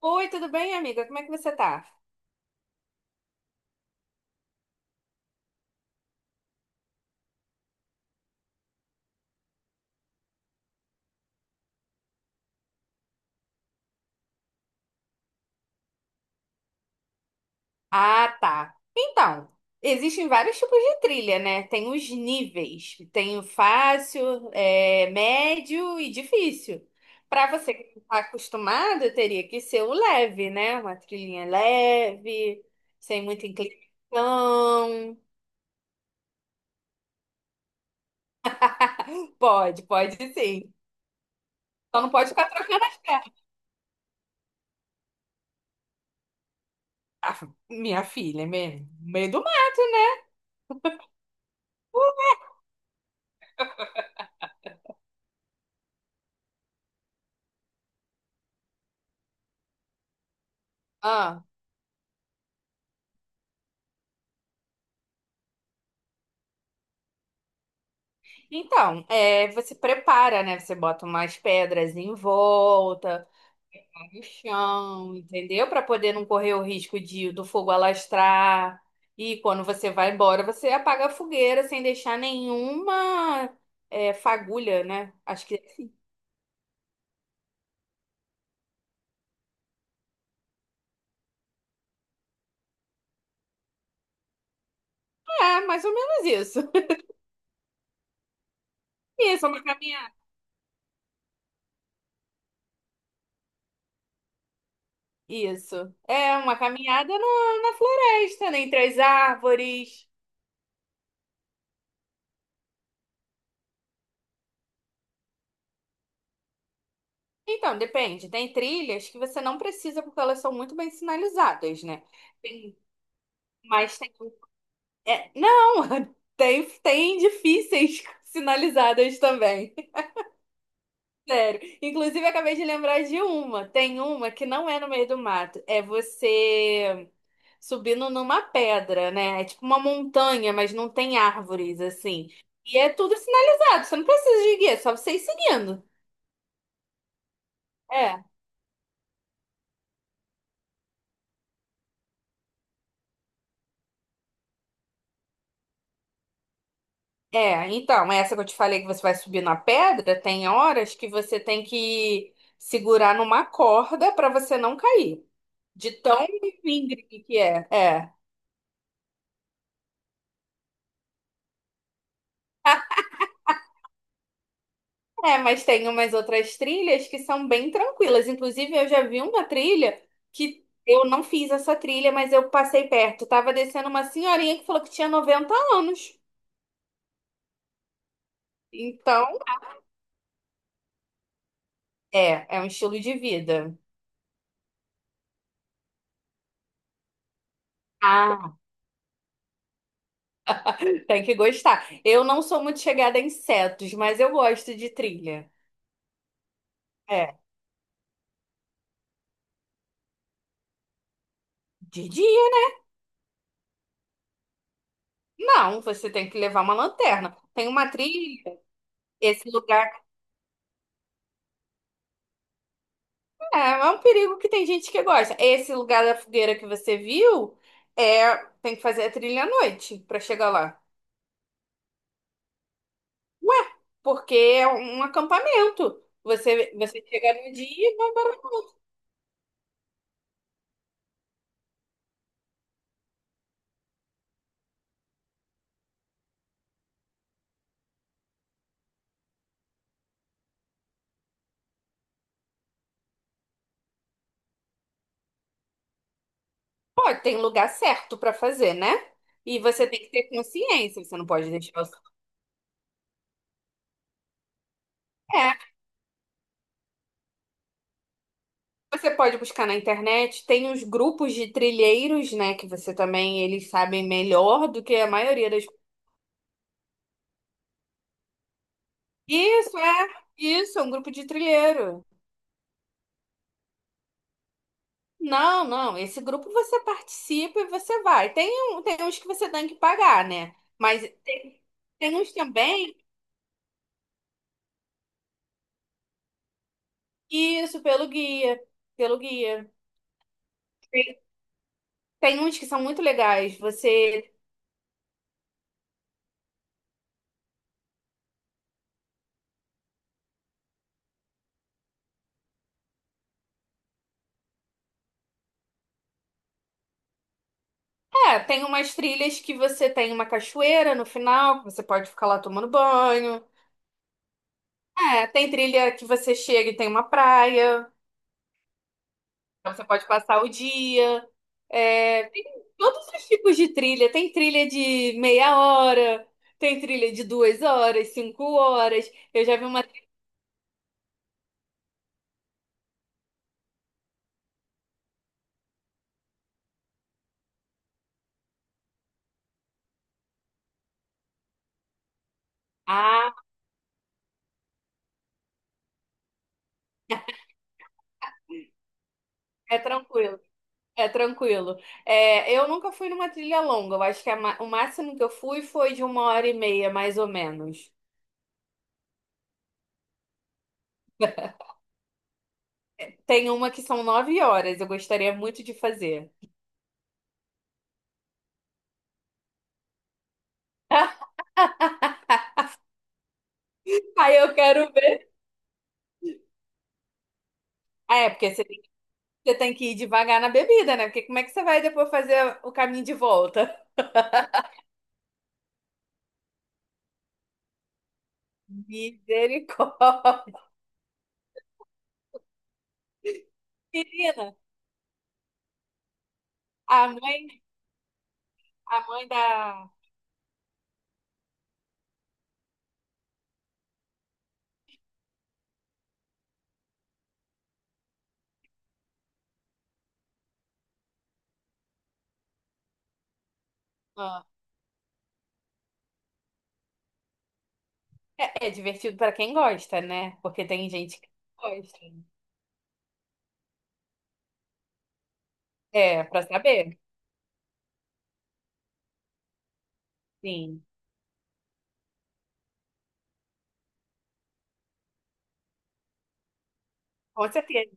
Oi, tudo bem, amiga? Como é que você tá? Ah, tá. Então, existem vários tipos de trilha, né? Tem os níveis. Tem o fácil, médio e difícil. Para você que não está acostumado, teria que ser o leve, né? Uma trilhinha leve, sem muita inclinação. Pode, pode sim. Só não pode ficar trocando as pernas. Ah, minha filha, mesmo. Meio do mato, né? Ah, então, você prepara, né? Você bota umas pedras em volta, no chão, entendeu? Para poder não correr o risco de do fogo alastrar. E quando você vai embora, você apaga a fogueira sem deixar nenhuma fagulha, né? Acho que é mais ou menos isso. Isso, é uma caminhada. Isso. É uma caminhada na floresta, né? Entre as árvores. Então, depende. Tem trilhas que você não precisa porque elas são muito bem sinalizadas, né? Tem Mas tem. Não, tem difíceis sinalizadas também. Sério. Inclusive, eu acabei de lembrar de uma. Tem uma que não é no meio do mato. É você subindo numa pedra, né? É tipo uma montanha, mas não tem árvores, assim. E é tudo sinalizado. Você não precisa de guia, é só você ir seguindo. É. É, então, é essa que eu te falei que você vai subir na pedra, tem horas que você tem que segurar numa corda para você não cair. De tão íngreme que é. É. É, mas tem umas outras trilhas que são bem tranquilas. Inclusive, eu já vi uma trilha que eu não fiz essa trilha, mas eu passei perto. Tava descendo uma senhorinha que falou que tinha 90 anos. Então, é um estilo de vida. Ah. Tem que gostar. Eu não sou muito chegada a insetos, mas eu gosto de trilha. É, de dia. Não, você tem que levar uma lanterna. Tem uma trilha, esse lugar. É um perigo que tem gente que gosta. Esse lugar da fogueira que você viu, é, tem que fazer a trilha à noite para chegar lá. Ué, porque é um acampamento. Você chega no dia e vai para... Pô, tem lugar certo para fazer, né? E você tem que ter consciência, você não pode deixar o seu- É, você pode buscar na internet, tem os grupos de trilheiros, né, que você também, eles sabem melhor do que a maioria das... Isso, é, isso, é um grupo de trilheiro. Não, não. Esse grupo você participa e você vai. Tem uns que você tem que pagar, né? Mas tem uns também, que isso, pelo guia. Pelo guia. Tem, tem uns que são muito legais. Você. É, tem umas trilhas que você tem uma cachoeira no final, que você pode ficar lá tomando banho. É, tem trilha que você chega e tem uma praia. Então, você pode passar o dia. É, tem todos os tipos de trilha. Tem trilha de meia hora, tem trilha de 2 horas, 5 horas. Eu já vi uma. Ah, é tranquilo. É tranquilo. É, eu nunca fui numa trilha longa. Eu acho que o máximo que eu fui foi de uma hora e meia, mais ou menos. Tem uma que são 9 horas. Eu gostaria muito de fazer. Aí eu quero ver. Ah, é, porque você tem que ir devagar na bebida, né? Porque como é que você vai depois fazer o caminho de volta? Misericórdia. Menina, a mãe, a mãe da. Ah, É divertido para quem gosta, né? Porque tem gente que não gosta. É, para saber. Sim, com certeza,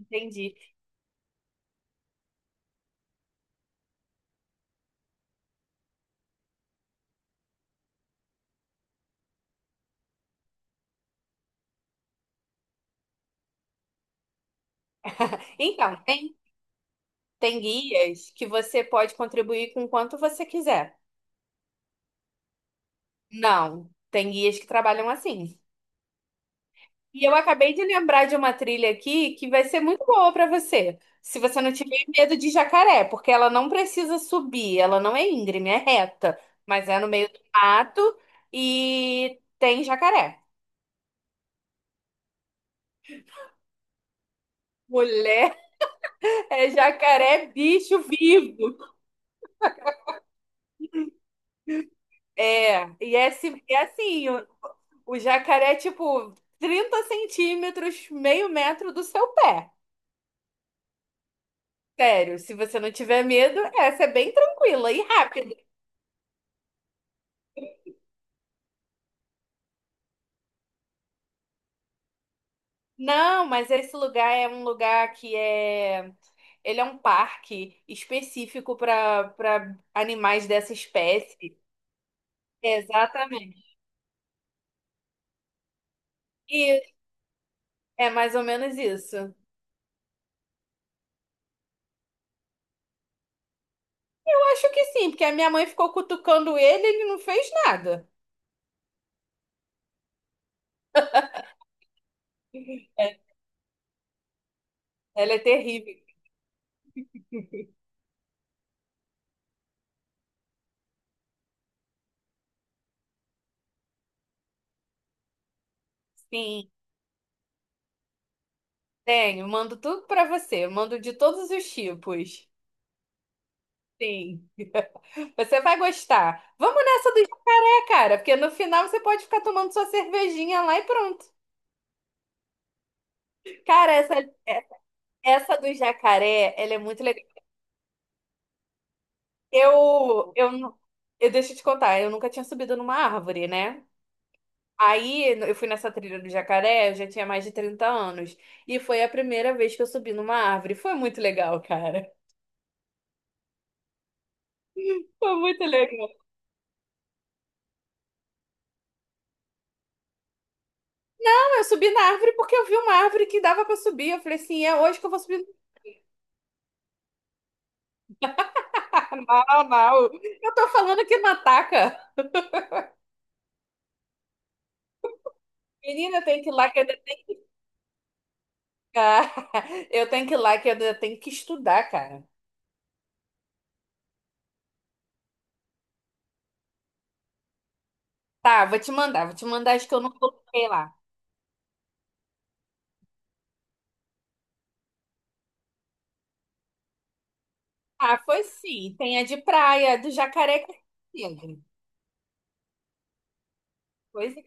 entendi. Então, tem guias que você pode contribuir com quanto você quiser. Não, tem guias que trabalham assim. E eu acabei de lembrar de uma trilha aqui que vai ser muito boa para você, se você não tiver medo de jacaré, porque ela não precisa subir, ela não é íngreme, é reta, mas é no meio do mato e tem jacaré. Mulher é jacaré bicho vivo. É assim, o jacaré é tipo 30 centímetros, meio metro do seu pé. Sério, se você não tiver medo, essa é bem tranquila e rápida. Não, mas esse lugar é um lugar que é. Ele é um parque específico para animais dessa espécie. Exatamente. E é mais ou menos isso. Eu acho que sim, porque a minha mãe ficou cutucando ele e ele não fez nada. É, ela é terrível. Sim, tenho. Mando tudo para você. Mando de todos os tipos. Sim. Você vai gostar. Vamos nessa do dia, cara, porque no final você pode ficar tomando sua cervejinha lá e pronto. Cara, essa. Essa do jacaré, ela é muito legal. Eu, eu, nu- eu deixo te contar, eu nunca tinha subido numa árvore, né? Aí eu fui nessa trilha do jacaré, eu já tinha mais de 30 anos. E foi a primeira vez que eu subi numa árvore. Foi muito legal, cara. Foi muito legal. Não, eu subi na árvore porque eu vi uma árvore que dava pra subir. Eu falei assim, é hoje que eu vou subir. Não, não. Eu tô falando que não ataca. Menina, tem que ir lá que eu... eu tenho que ir lá que eu tenho que estudar, cara. Tá, vou te mandar as que eu não coloquei lá. Ah, foi sim. Tem a de praia, do Jacaré Carandiru. Pois é.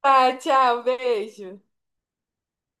Tá, tchau, beijo.